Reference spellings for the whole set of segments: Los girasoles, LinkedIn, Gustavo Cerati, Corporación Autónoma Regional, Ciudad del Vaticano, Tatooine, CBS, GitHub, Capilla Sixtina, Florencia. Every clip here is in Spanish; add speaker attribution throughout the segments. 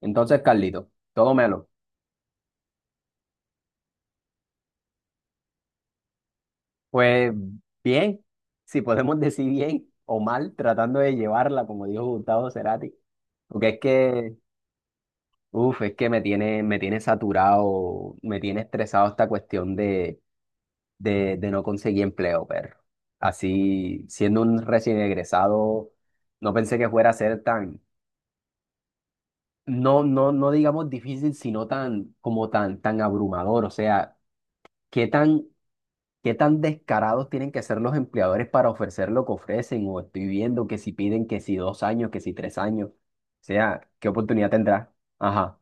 Speaker 1: Entonces, Carlito, todo melo. Pues bien, si podemos decir bien o mal, tratando de llevarla, como dijo Gustavo Cerati. Porque es que, uff, es que me tiene saturado, me tiene estresado esta cuestión de no conseguir empleo, perro. Así, siendo un recién egresado, no pensé que fuera a ser tan, no digamos difícil, sino tan, tan abrumador. O sea, qué tan ¿Qué tan descarados tienen que ser los empleadores para ofrecer lo que ofrecen? O estoy viendo que si piden que si dos años, que si tres años. O sea, ¿qué oportunidad tendrá? Ajá.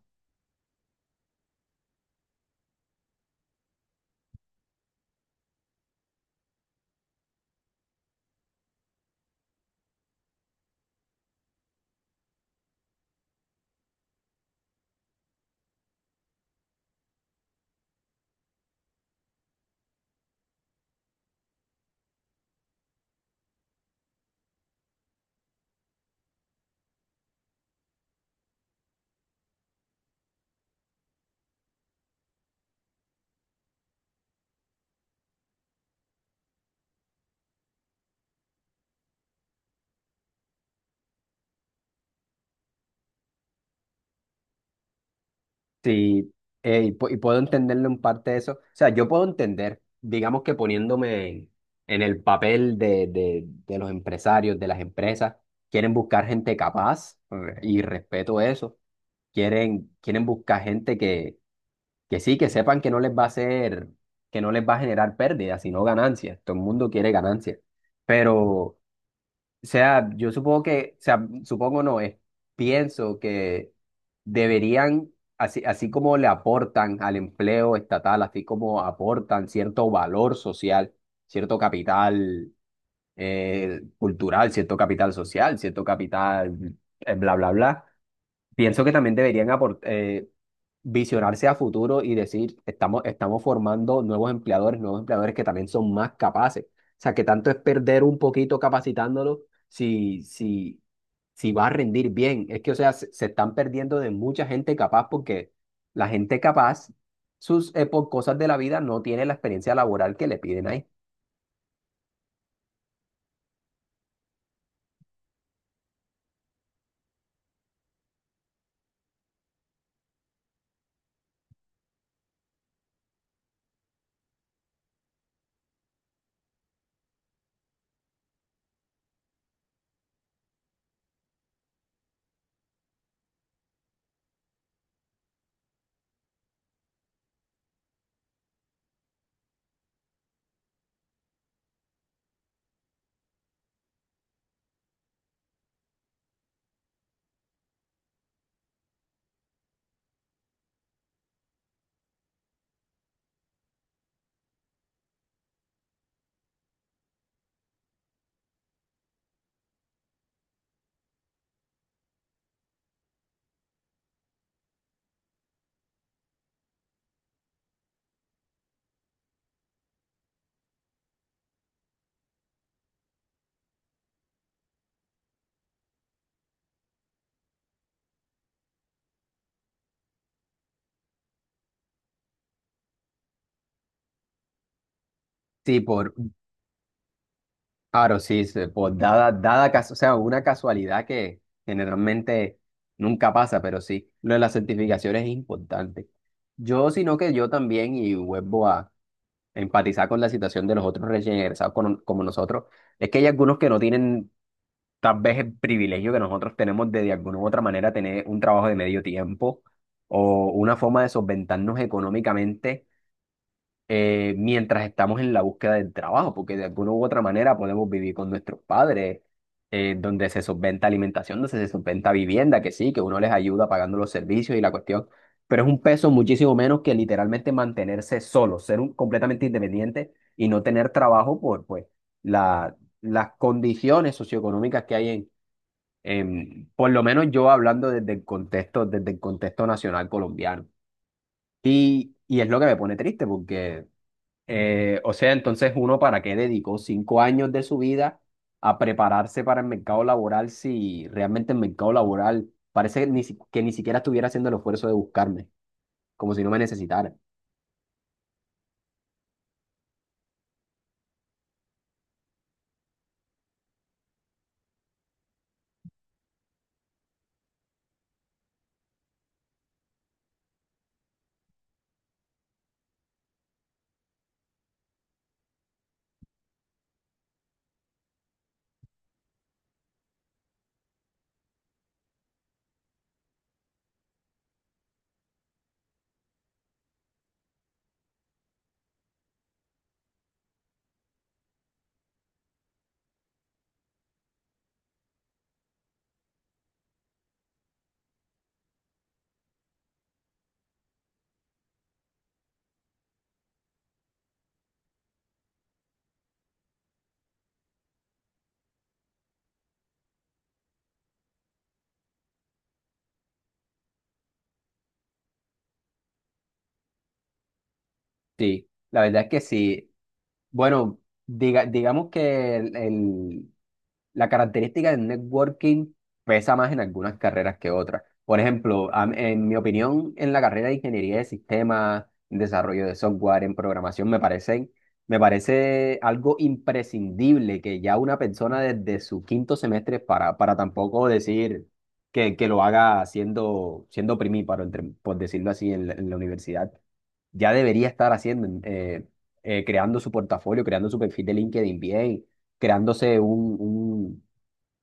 Speaker 1: Sí, y puedo entenderlo en parte de eso. O sea, yo puedo entender, digamos que poniéndome en el papel de, de los empresarios, de las empresas, quieren buscar gente capaz y respeto eso. Quieren buscar gente que que sí, que sepan que no les va a hacer, que no les va a generar pérdidas, sino ganancias. Todo el mundo quiere ganancias. Pero, o sea, yo supongo que, o sea, supongo no, es, pienso que deberían, así, así como le aportan al empleo estatal, así como aportan cierto valor social, cierto capital cultural, cierto capital social, cierto capital, bla, bla, bla. Pienso que también deberían aportar visionarse a futuro y decir, estamos formando nuevos empleadores que también son más capaces. O sea, que tanto es perder un poquito capacitándolos si, si, si va a rendir bien. Es que, o sea, se están perdiendo de mucha gente capaz porque la gente capaz, sus, por cosas de la vida, no tiene la experiencia laboral que le piden ahí. Sí, por, claro, sí, se- por dada, dada cas- o sea, una casualidad que generalmente nunca pasa, pero sí, lo de las certificaciones es importante. Yo, sino que yo también, y vuelvo a empatizar con la situación de los otros recién egresados como nosotros, es que hay algunos que no tienen tal vez el privilegio que nosotros tenemos de alguna u otra manera tener un trabajo de medio tiempo o una forma de solventarnos económicamente mientras estamos en la búsqueda del trabajo, porque de alguna u otra manera podemos vivir con nuestros padres, donde se solventa alimentación, donde se solventa vivienda, que sí, que uno les ayuda pagando los servicios y la cuestión, pero es un peso muchísimo menos que literalmente mantenerse solo, ser un, completamente independiente y no tener trabajo por pues, la, las condiciones socioeconómicas que hay por lo menos yo hablando desde el contexto nacional colombiano. Y es lo que me pone triste porque o sea, entonces uno para qué dedicó 5 años de su vida a prepararse para el mercado laboral si realmente el mercado laboral parece que ni, si- que ni siquiera estuviera haciendo el esfuerzo de buscarme, como si no me necesitara. Sí, la verdad es que sí. Bueno, digamos que el, la característica del networking pesa más en algunas carreras que otras. Por ejemplo, en mi opinión, en la carrera de ingeniería de sistemas, en desarrollo de software, en programación, me parece algo imprescindible que ya una persona desde su quinto semestre, para tampoco decir que lo haga siendo primíparo, por decirlo así, en la universidad, ya debería estar haciendo, creando su portafolio, creando su perfil de LinkedIn bien, creándose un, un-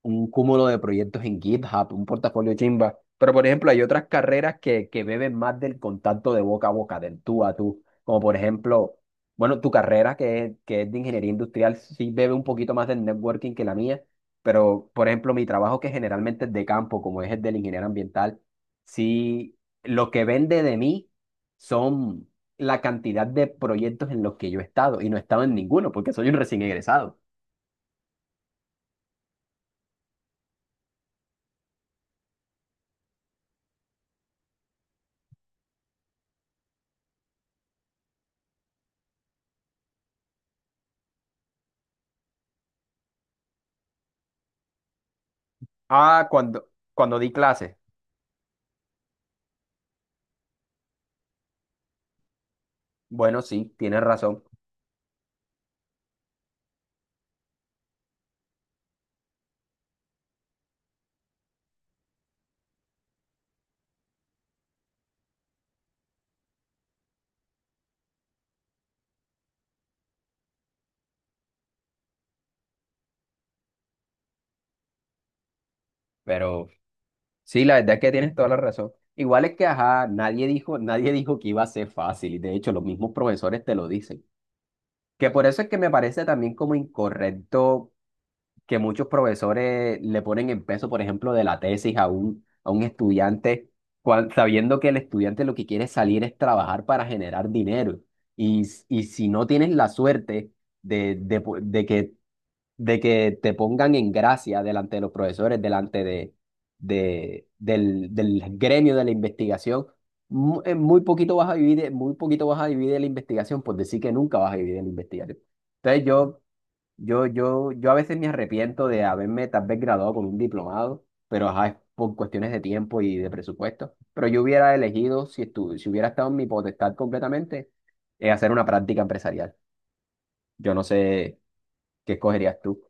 Speaker 1: un cúmulo de proyectos en GitHub, un portafolio chimba. Pero, por ejemplo, hay otras carreras que beben más del contacto de boca a boca, del tú a tú. Como, por ejemplo, bueno, tu carrera, que es de ingeniería industrial, sí bebe un poquito más del networking que la mía. Pero, por ejemplo, mi trabajo, que generalmente es de campo, como es el del ingeniero ambiental, sí, lo que vende de mí son la cantidad de proyectos en los que yo he estado. Y no he estado en ninguno, porque soy un recién egresado. Ah, cuando di clases. Bueno, sí, tienes razón, pero sí, la verdad es que tienes toda la razón. Igual es que, ajá, nadie dijo que iba a ser fácil, y de hecho los mismos profesores te lo dicen. Que por eso es que me parece también como incorrecto que muchos profesores le ponen el peso, por ejemplo, de la tesis a un estudiante, sabiendo que el estudiante lo que quiere salir es trabajar para generar dinero. Y si no tienes la suerte de, de, po- de que de que te pongan en gracia delante de los profesores, delante del gremio de la investigación. Mu- en Muy poquito vas a vivir, muy poquito vas a vivir de la investigación, por decir que nunca vas a vivir de la investigación. Entonces yo a veces me arrepiento de haberme tal vez graduado con un diplomado, pero ajá, es por cuestiones de tiempo y de presupuesto. Pero yo hubiera elegido, si hubiera estado en mi potestad completamente, hacer una práctica empresarial. Yo no sé qué escogerías tú.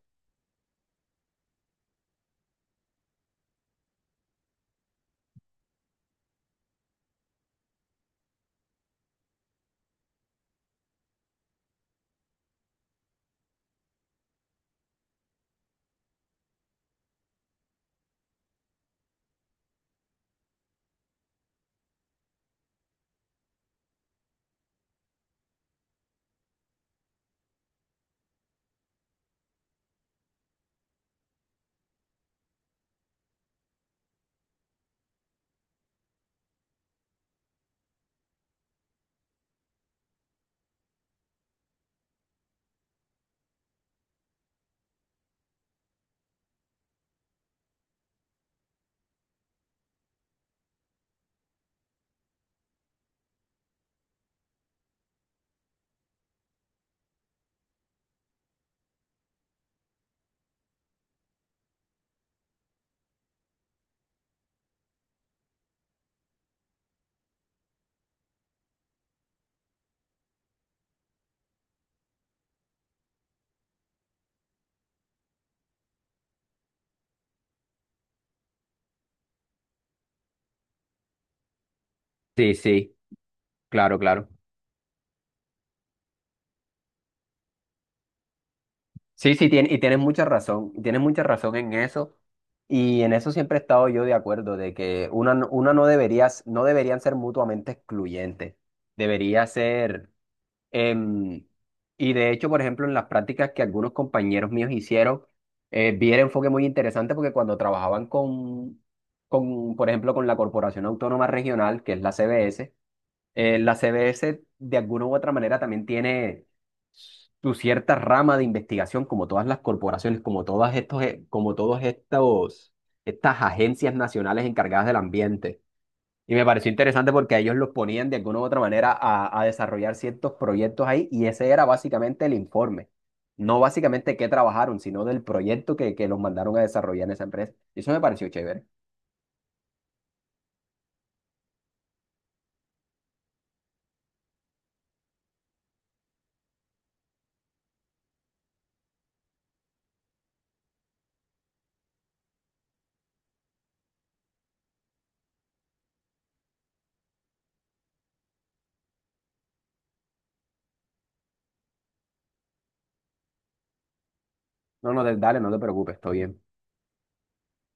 Speaker 1: Sí, sí. Claro, claro. Sí, sí, y tienes mucha razón, y tienes mucha razón en eso, y en eso siempre he estado yo de acuerdo, de que una no deberías, no deberían ser mutuamente excluyentes, debería ser, em, y de hecho, por ejemplo, en las prácticas que algunos compañeros míos hicieron, vi el enfoque muy interesante porque cuando trabajaban por ejemplo, con la Corporación Autónoma Regional, que es la CBS, la CBS de alguna u otra manera también tiene tu cierta rama de investigación, como todas las corporaciones, como todas estos, estas agencias nacionales encargadas del ambiente. Y me pareció interesante porque a ellos los ponían de alguna u otra manera a desarrollar ciertos proyectos ahí y ese era básicamente el informe. No básicamente qué trabajaron, sino del proyecto que los mandaron a desarrollar en esa empresa. Y eso me pareció chévere. No, no, dale, no te preocupes, estoy bien.